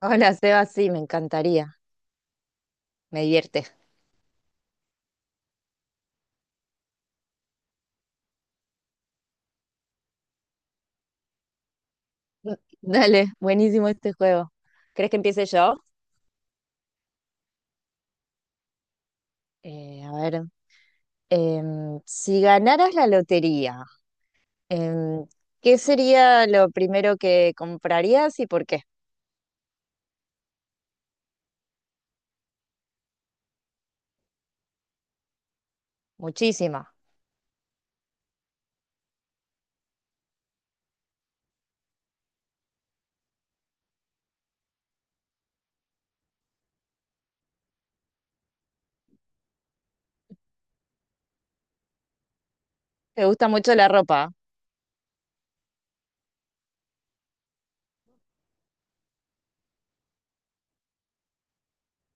Hola, Seba, sí, me encantaría, me divierte. Dale, buenísimo este juego. ¿Crees que empiece yo? Eh, a ver, si ganaras la lotería, em, ¿qué sería lo primero que comprarías y por qué? Muchísima. ¿Te gusta mucho la ropa?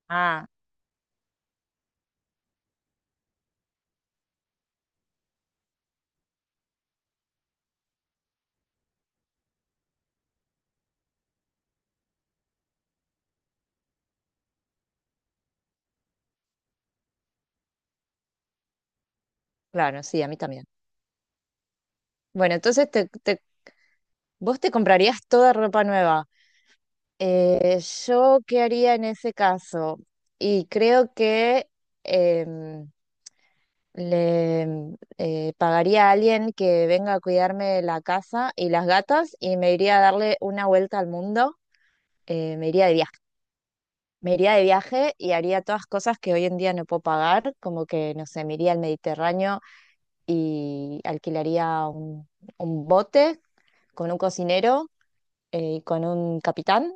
Ah, claro, sí, a mí también. Bueno, entonces vos te comprarías toda ropa nueva. Eh, ¿Yo qué haría en ese caso? Y creo que... em, pagaría a alguien que venga a cuidarme la casa y las gatas y me iría a darle una vuelta al mundo. Me iría de viaje. Me iría de viaje y haría todas cosas que hoy en día no puedo pagar, como que, no sé, me iría al Mediterráneo y alquilaría un bote con un cocinero y con un capitán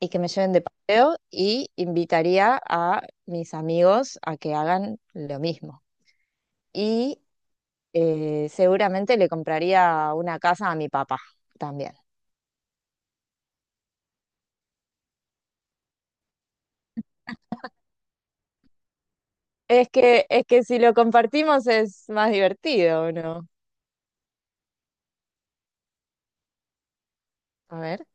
y que me lleven de paseo y invitaría a mis amigos a que hagan lo mismo. Y Seguramente le compraría una casa a mi papá también. Es que si lo compartimos es más divertido, ¿o no? A ver.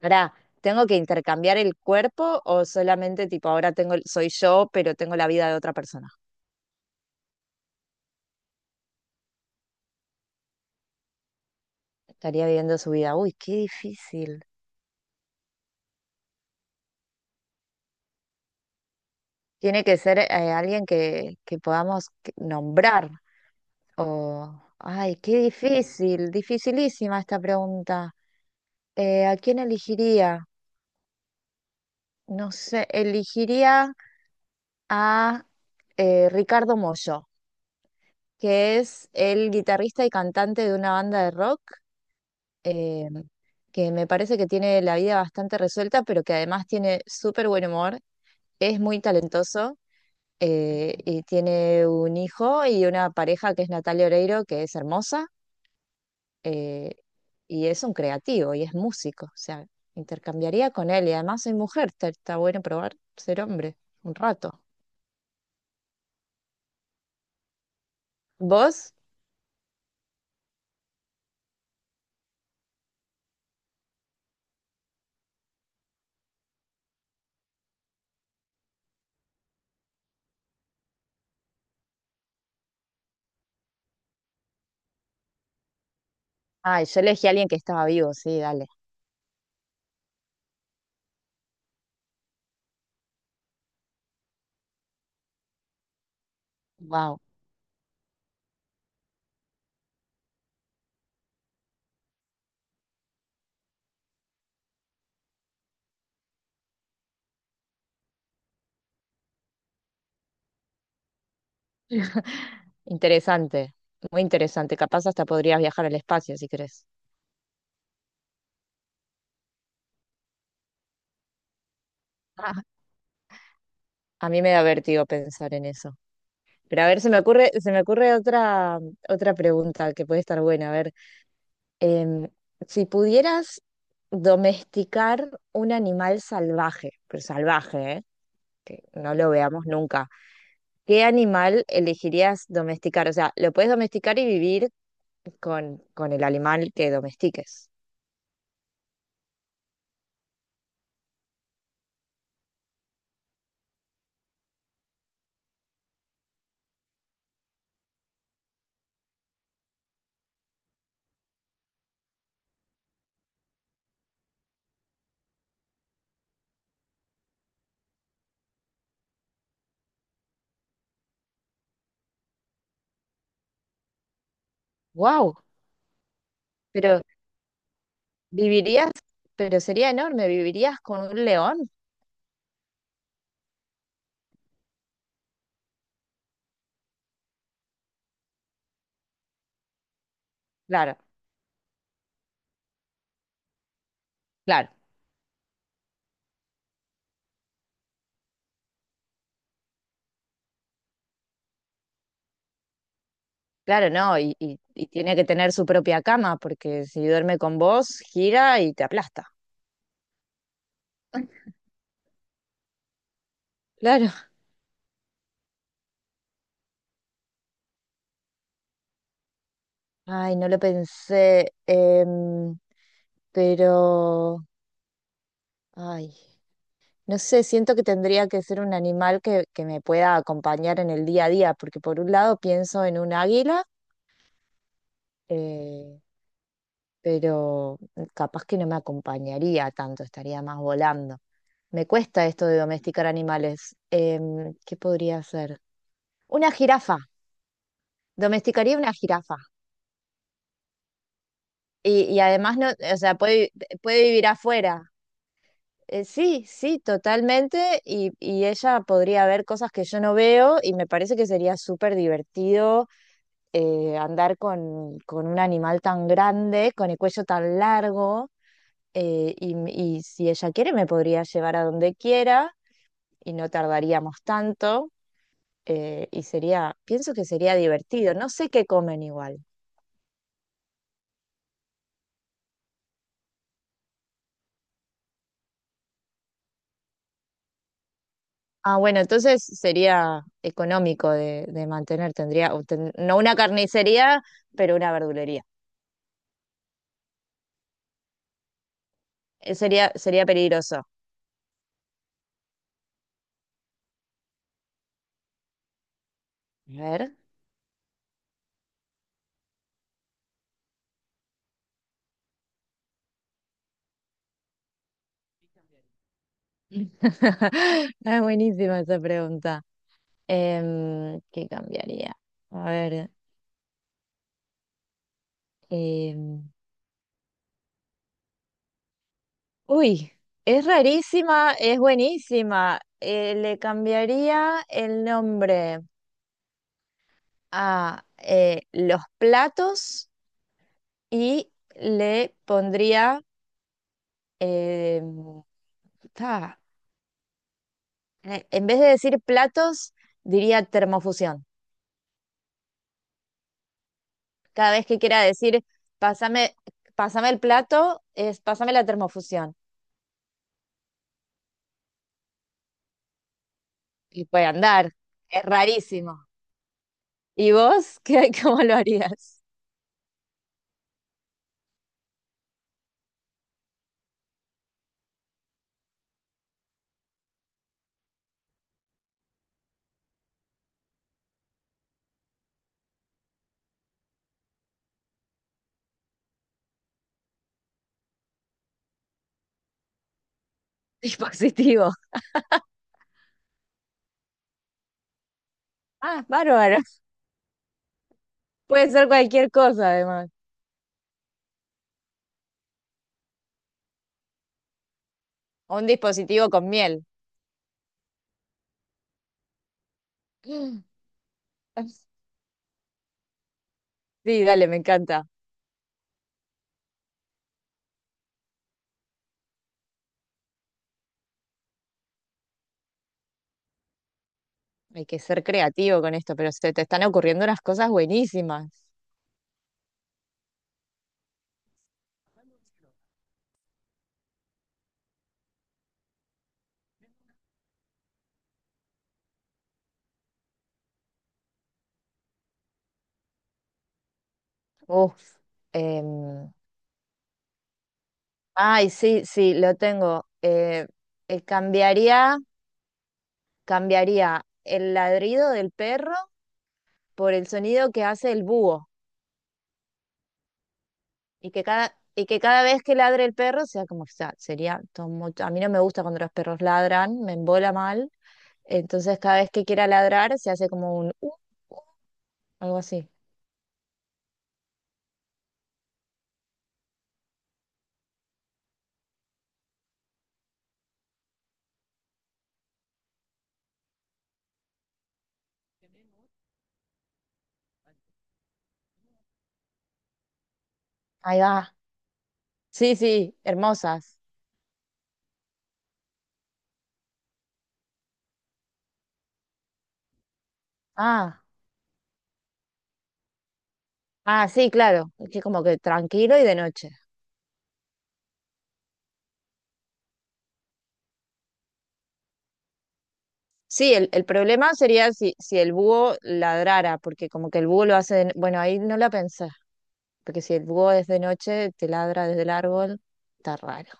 Ahora, ¿tengo que intercambiar el cuerpo o solamente tipo ahora tengo, soy yo, pero tengo la vida de otra persona? Estaría viviendo su vida. Uy, qué difícil. Tiene que ser alguien que podamos nombrar. O, ay, qué difícil, dificilísima esta pregunta. ¿A quién elegiría? No sé, elegiría. A Ricardo Mollo, que es el guitarrista y cantante de una banda de rock eh, que me parece que tiene la vida bastante resuelta, pero que además tiene súper buen humor, es muy talentoso, y tiene un hijo y una pareja que es Natalia Oreiro, que es hermosa eh, y es un creativo y es músico, o sea, intercambiaría con él y además soy mujer, está bueno probar ser hombre un rato. ¿Vos? Ay, yo elegí a alguien que estaba vivo, sí, dale. Wow, interesante, muy interesante. Capaz hasta podrías viajar al espacio si querés. Ah, a mí me da vértigo pensar en eso. Pero a ver, se me ocurre otra, otra pregunta que puede estar buena. A ver, em, si pudieras domesticar un animal salvaje, pero salvaje, ¿eh? Que no lo veamos nunca, ¿qué animal elegirías domesticar? O sea, lo puedes domesticar y vivir con el animal que domestiques. Wow, pero Vivirías, pero sería enorme, vivirías con un león. Claro, claro, claro, no, y tiene que tener su propia cama, porque si duerme con vos, gira y te aplasta. Claro. Ay, no lo pensé, pero, ay, no sé, siento que tendría que ser un animal que me pueda acompañar en el día a día, porque por un lado pienso en un águila, eh, pero capaz que no me acompañaría tanto, estaría más volando. Me cuesta esto de domesticar animales. ¿Qué podría hacer? Una jirafa. Domesticaría una jirafa. Y además, no, o sea, puede vivir afuera. Sí, sí, totalmente. Y ella podría ver cosas que yo no veo y me parece que sería súper divertido andar con un animal tan grande, con el cuello tan largo. Y si ella quiere me podría llevar a donde quiera y no tardaríamos tanto y sería, pienso que sería divertido, no sé qué comen igual. Ah, bueno, entonces sería económico de mantener, tendría, no una carnicería, pero una verdulería. Sería, sería peligroso. A ver. Es buenísima esa pregunta. ¿Qué cambiaría? A ver, em, uy, es rarísima, es buenísima. Le cambiaría el nombre a los platos y le pondría, eh, ta, en vez de decir platos, diría termofusión. Cada vez que quiera decir, pásame, pásame el plato, es pásame la termofusión. Y puede andar, es rarísimo. ¿Y vos qué, cómo lo harías? Dispositivo. Ah, bárbaro. Puede ser cualquier cosa, además. O un dispositivo con miel. Sí, dale, me encanta. Hay que ser creativo con esto, pero se te están ocurriendo unas cosas buenísimas. Uf. em, Ay, sí, sí, lo tengo. Eh, cambiaría, Cambiaría el ladrido del perro por el sonido que hace el búho. Y que cada vez que ladre el perro sea como, o sea, sería todo mucho. A mí no me gusta cuando los perros ladran, me embola mal. Entonces cada vez que quiera ladrar se hace como un algo así. Ahí va. Sí, sí, hermosas. Ah, ah, sí, claro. Es que como que tranquilo y de noche. Sí, el problema sería si, si el búho ladrara, porque como que el búho lo hace de... no, bueno, ahí no la pensé, porque si el búho es de noche, te ladra desde el árbol, está raro.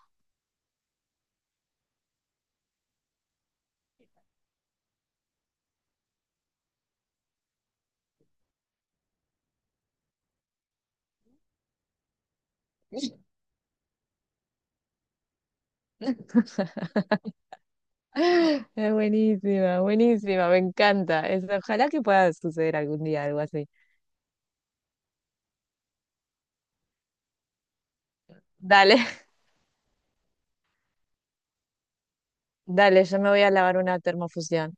Es buenísima, buenísima, me encanta. Es- ojalá que pueda suceder algún día algo así. Dale, dale, yo me voy a lavar una termofusión.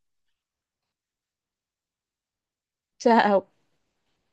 Chao.